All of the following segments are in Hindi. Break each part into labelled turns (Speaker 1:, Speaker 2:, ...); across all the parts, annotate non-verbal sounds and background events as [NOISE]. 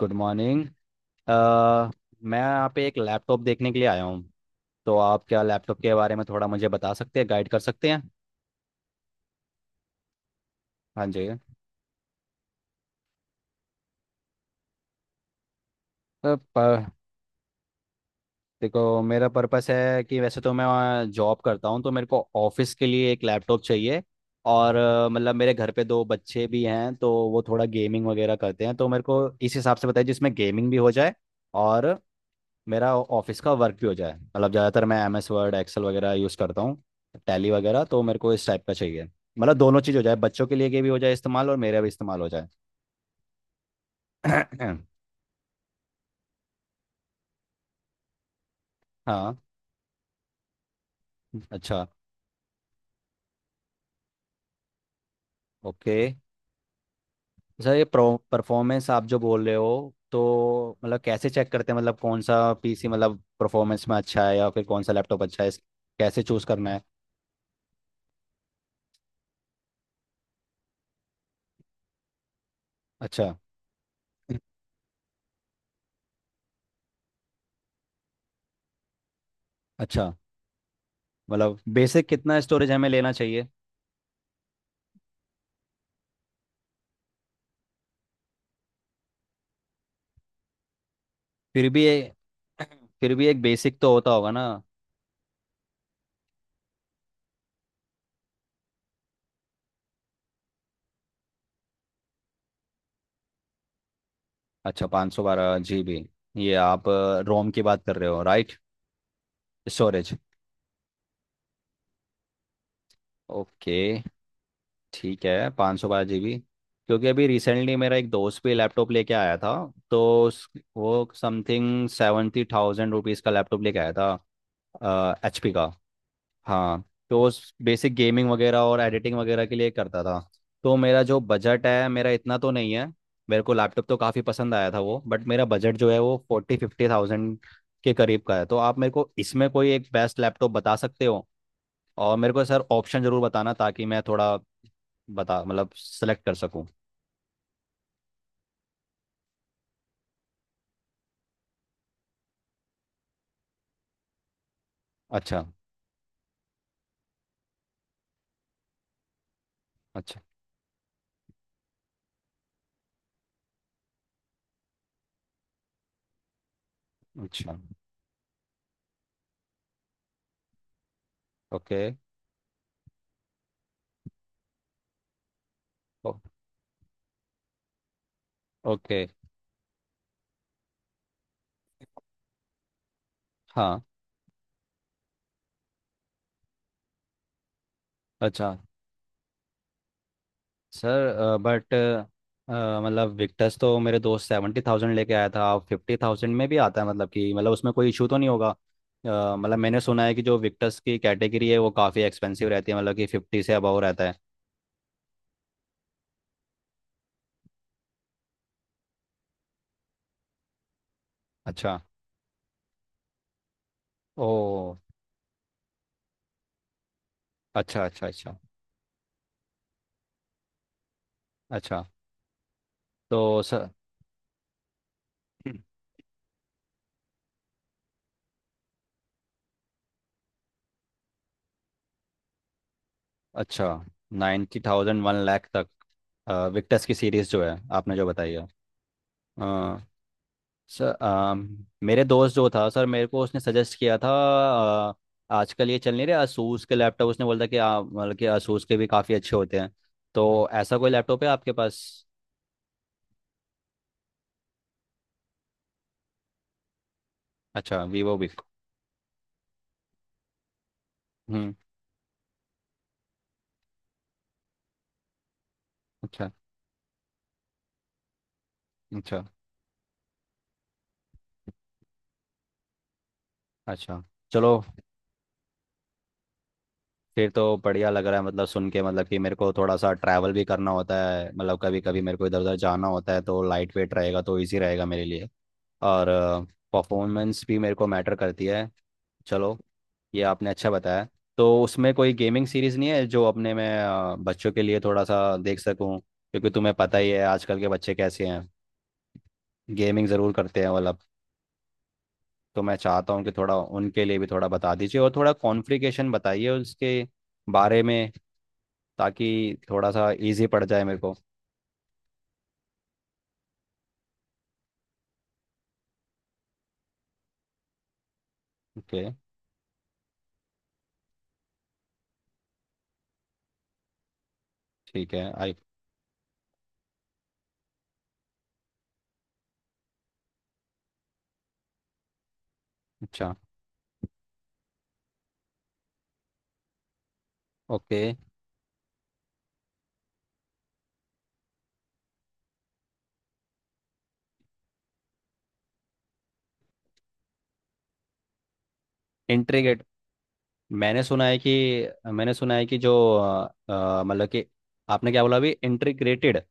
Speaker 1: Good morning. uh, मैं यहाँ पे एक लैपटॉप देखने के लिए आया हूँ। तो आप क्या लैपटॉप के बारे में थोड़ा मुझे बता सकते हैं, गाइड कर सकते हैं? हाँ जी। तो प- देखो, मेरा पर्पस है कि वैसे तो मैं जॉब करता हूँ, तो मेरे को ऑफिस के लिए एक लैपटॉप चाहिए। और मतलब मेरे घर पे दो बच्चे भी हैं, तो वो थोड़ा गेमिंग वगैरह करते हैं, तो मेरे को इस हिसाब से बताइए जिसमें गेमिंग भी हो जाए और मेरा ऑफिस का वर्क भी हो जाए। मतलब ज़्यादातर मैं MS वर्ड, एक्सेल वगैरह यूज़ करता हूँ, टैली वगैरह। तो मेरे को इस टाइप का चाहिए। मतलब दोनों चीज़ हो जाए, बच्चों के लिए के भी हो जाए इस्तेमाल और मेरा भी इस्तेमाल हो जाए। [CLEARS THROAT] हाँ। अच्छा। ओके। सर, ये परफॉर्मेंस आप जो बोल रहे हो, तो मतलब कैसे चेक करते हैं? मतलब कौन सा पीसी, मतलब परफॉर्मेंस में अच्छा है या फिर कौन सा लैपटॉप अच्छा है? कैसे चूज़ करना है? अच्छा। अच्छा, मतलब बेसिक कितना स्टोरेज हमें लेना चाहिए? फिर भी ये [CLEARS THROAT] फिर भी एक बेसिक तो होता होगा ना। अच्छा, 512 GB। ये आप रोम की बात कर रहे हो, राइट? स्टोरेज। ओके। ठीक है, 512 GB। क्योंकि अभी रिसेंटली मेरा एक दोस्त भी लैपटॉप लेके आया था। तो वो समथिंग 70,000 रुपीज़ का लैपटॉप लेके आया था एचपी का। हाँ, तो उस बेसिक गेमिंग वगैरह और एडिटिंग वगैरह के लिए करता था। तो मेरा जो बजट है, मेरा इतना तो नहीं है। मेरे को लैपटॉप तो काफ़ी पसंद आया था वो, बट मेरा बजट जो है वो 40-50,000 के करीब का है। तो आप मेरे को इसमें कोई एक बेस्ट लैपटॉप बता सकते हो? और मेरे को सर ऑप्शन ज़रूर बताना, ताकि मैं थोड़ा बता मतलब सेलेक्ट कर सकूँ। अच्छा। अच्छा। अच्छा। ओके। ओ- ओके। हाँ। अच्छा। सर, बट मतलब विक्टर्स तो मेरे दोस्त 70,000 लेके आया था। आप 50,000 में भी आता है, मतलब कि मतलब उसमें कोई इशू तो नहीं होगा? मतलब मैंने सुना है कि जो विक्टर्स की कैटेगरी है वो काफ़ी एक्सपेंसिव रहती है, मतलब कि 50 से अबव रहता है। अच्छा। ओ, अच्छा। अच्छा। अच्छा। अच्छा। तो सर, अच्छा, 90,000-1 लाख तक विक्टर्स की सीरीज़ जो है आपने जो बताई है। सर मेरे दोस्त जो था सर, मेरे को उसने सजेस्ट किया था। अ, आजकल ये चल नहीं रहे asus के लैपटॉप, उसने बोला था कि मतलब कि asus के भी काफ़ी अच्छे होते हैं। तो ऐसा कोई लैपटॉप है आपके पास? अच्छा, वीवो भी। हम्म। अच्छा। अच्छा। अच्छा। चलो। फिर तो बढ़िया लग रहा है मतलब सुन के। मतलब कि मेरे को थोड़ा सा ट्रैवल भी करना होता है, मतलब कभी कभी मेरे को इधर उधर जाना होता है, तो लाइट वेट रहेगा तो इजी रहेगा मेरे लिए। और परफॉर्मेंस भी मेरे को मैटर करती है। चलो, ये आपने अच्छा बताया। तो उसमें कोई गेमिंग सीरीज़ नहीं है जो अपने मैं बच्चों के लिए थोड़ा सा देख सकूं? क्योंकि तुम्हें पता ही है आजकल के बच्चे कैसे हैं, गेमिंग ज़रूर करते हैं मतलब। तो मैं चाहता हूँ कि थोड़ा उनके लिए भी थोड़ा बता दीजिए और थोड़ा कॉन्फ्लिकेशन बताइए उसके बारे में, ताकि थोड़ा सा इजी पड़ जाए मेरे को। ओके। ठीक है। आई अच्छा। ओके। इंट्रीगेट मैंने सुना है कि मैंने सुना है कि जो मतलब कि आपने क्या बोला अभी? इंटीग्रेटेड?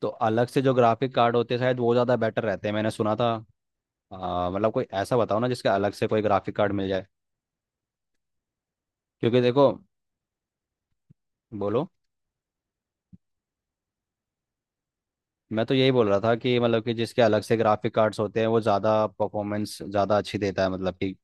Speaker 1: तो अलग से जो ग्राफिक कार्ड होते हैं शायद वो ज़्यादा बेटर रहते हैं, मैंने सुना था। मतलब कोई ऐसा बताओ ना जिसका अलग से कोई ग्राफिक कार्ड मिल जाए। क्योंकि देखो। बोलो। मैं तो यही बोल रहा था कि मतलब कि जिसके अलग से ग्राफिक कार्ड्स होते हैं, वो ज़्यादा परफॉर्मेंस ज़्यादा अच्छी देता है, मतलब कि।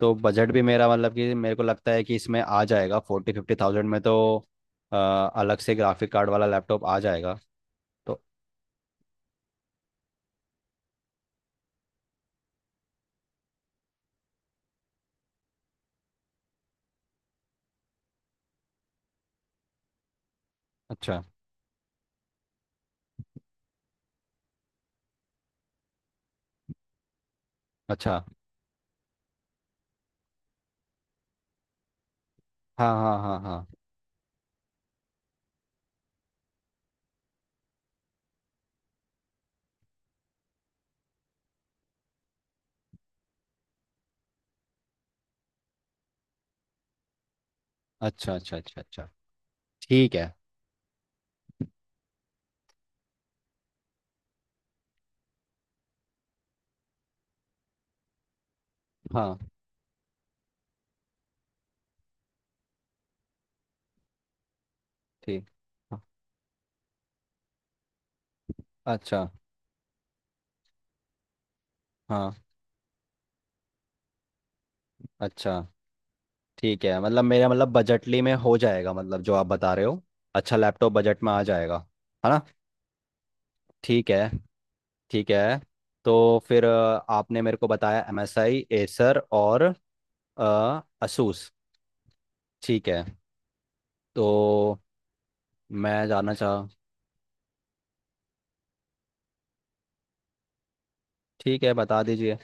Speaker 1: तो बजट भी मेरा, मतलब कि मेरे को लगता है कि इसमें आ जाएगा 40-50,000 में, तो अ, अलग से ग्राफिक कार्ड वाला लैपटॉप आ जाएगा तो। अच्छा। अच्छा। हाँ, हाँ, हाँ, हाँ। अच्छा, अच्छा, अच्छा, अच्छा। ठीक है। हाँ। ठीक। हाँ, अच्छा। हाँ। अच्छा। ठीक है, मतलब मेरा मतलब बजटली में हो जाएगा, मतलब जो आप बता रहे हो। अच्छा लैपटॉप बजट में आ जाएगा, है ना? ठीक है। ठीक है। तो फिर आपने मेरे को बताया MSI, एसर और असूस। ठीक है। तो मैं जाना चाह ठीक है, बता दीजिए।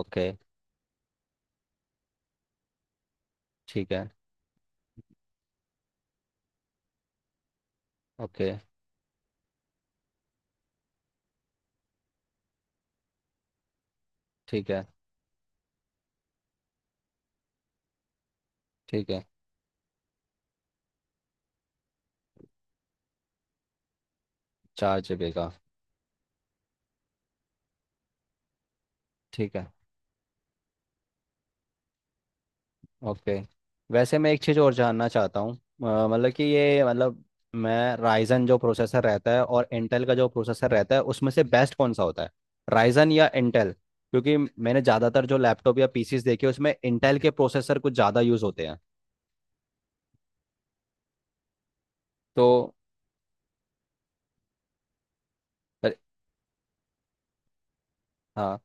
Speaker 1: ओके। ठीक है। ओके। ठीक है। ठीक है। 4 GB का? ठीक है। ओके। वैसे मैं एक चीज़ और जानना चाहता हूँ। मतलब कि ये मतलब मैं, राइजन जो प्रोसेसर रहता है और इंटेल का जो प्रोसेसर रहता है, उसमें से बेस्ट कौन सा होता है? राइजन या इंटेल? क्योंकि मैंने ज़्यादातर जो लैपटॉप या पीसीस देखे, उसमें इंटेल के प्रोसेसर कुछ ज़्यादा यूज़ होते हैं तो। अरे! हाँ।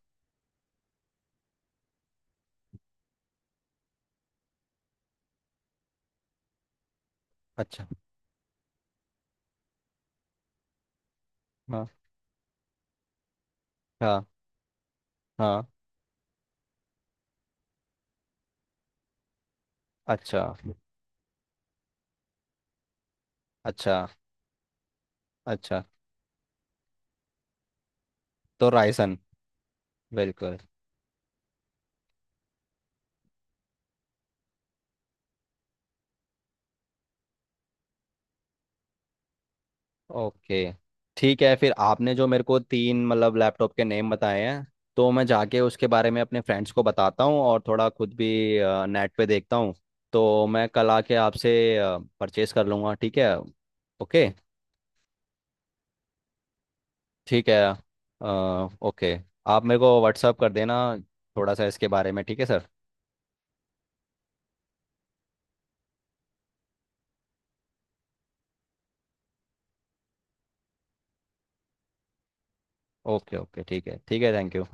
Speaker 1: अच्छा। हाँ, हाँ, हाँ। अच्छा। अच्छा। अच्छा। तो रायसन। बिल्कुल। ओके। ठीक है, फिर आपने जो मेरे को तीन मतलब लैपटॉप के नेम बताए हैं, तो मैं जाके उसके बारे में अपने फ्रेंड्स को बताता हूँ और थोड़ा खुद भी नेट पे देखता हूँ, तो मैं कल आके आपसे परचेस कर लूँगा, ठीक है? ओके। ठीक है। ओके। आप मेरे को व्हाट्सअप कर देना थोड़ा सा इसके बारे में, ठीक है सर? ओके। ओके। ठीक है। ठीक है। Thank you.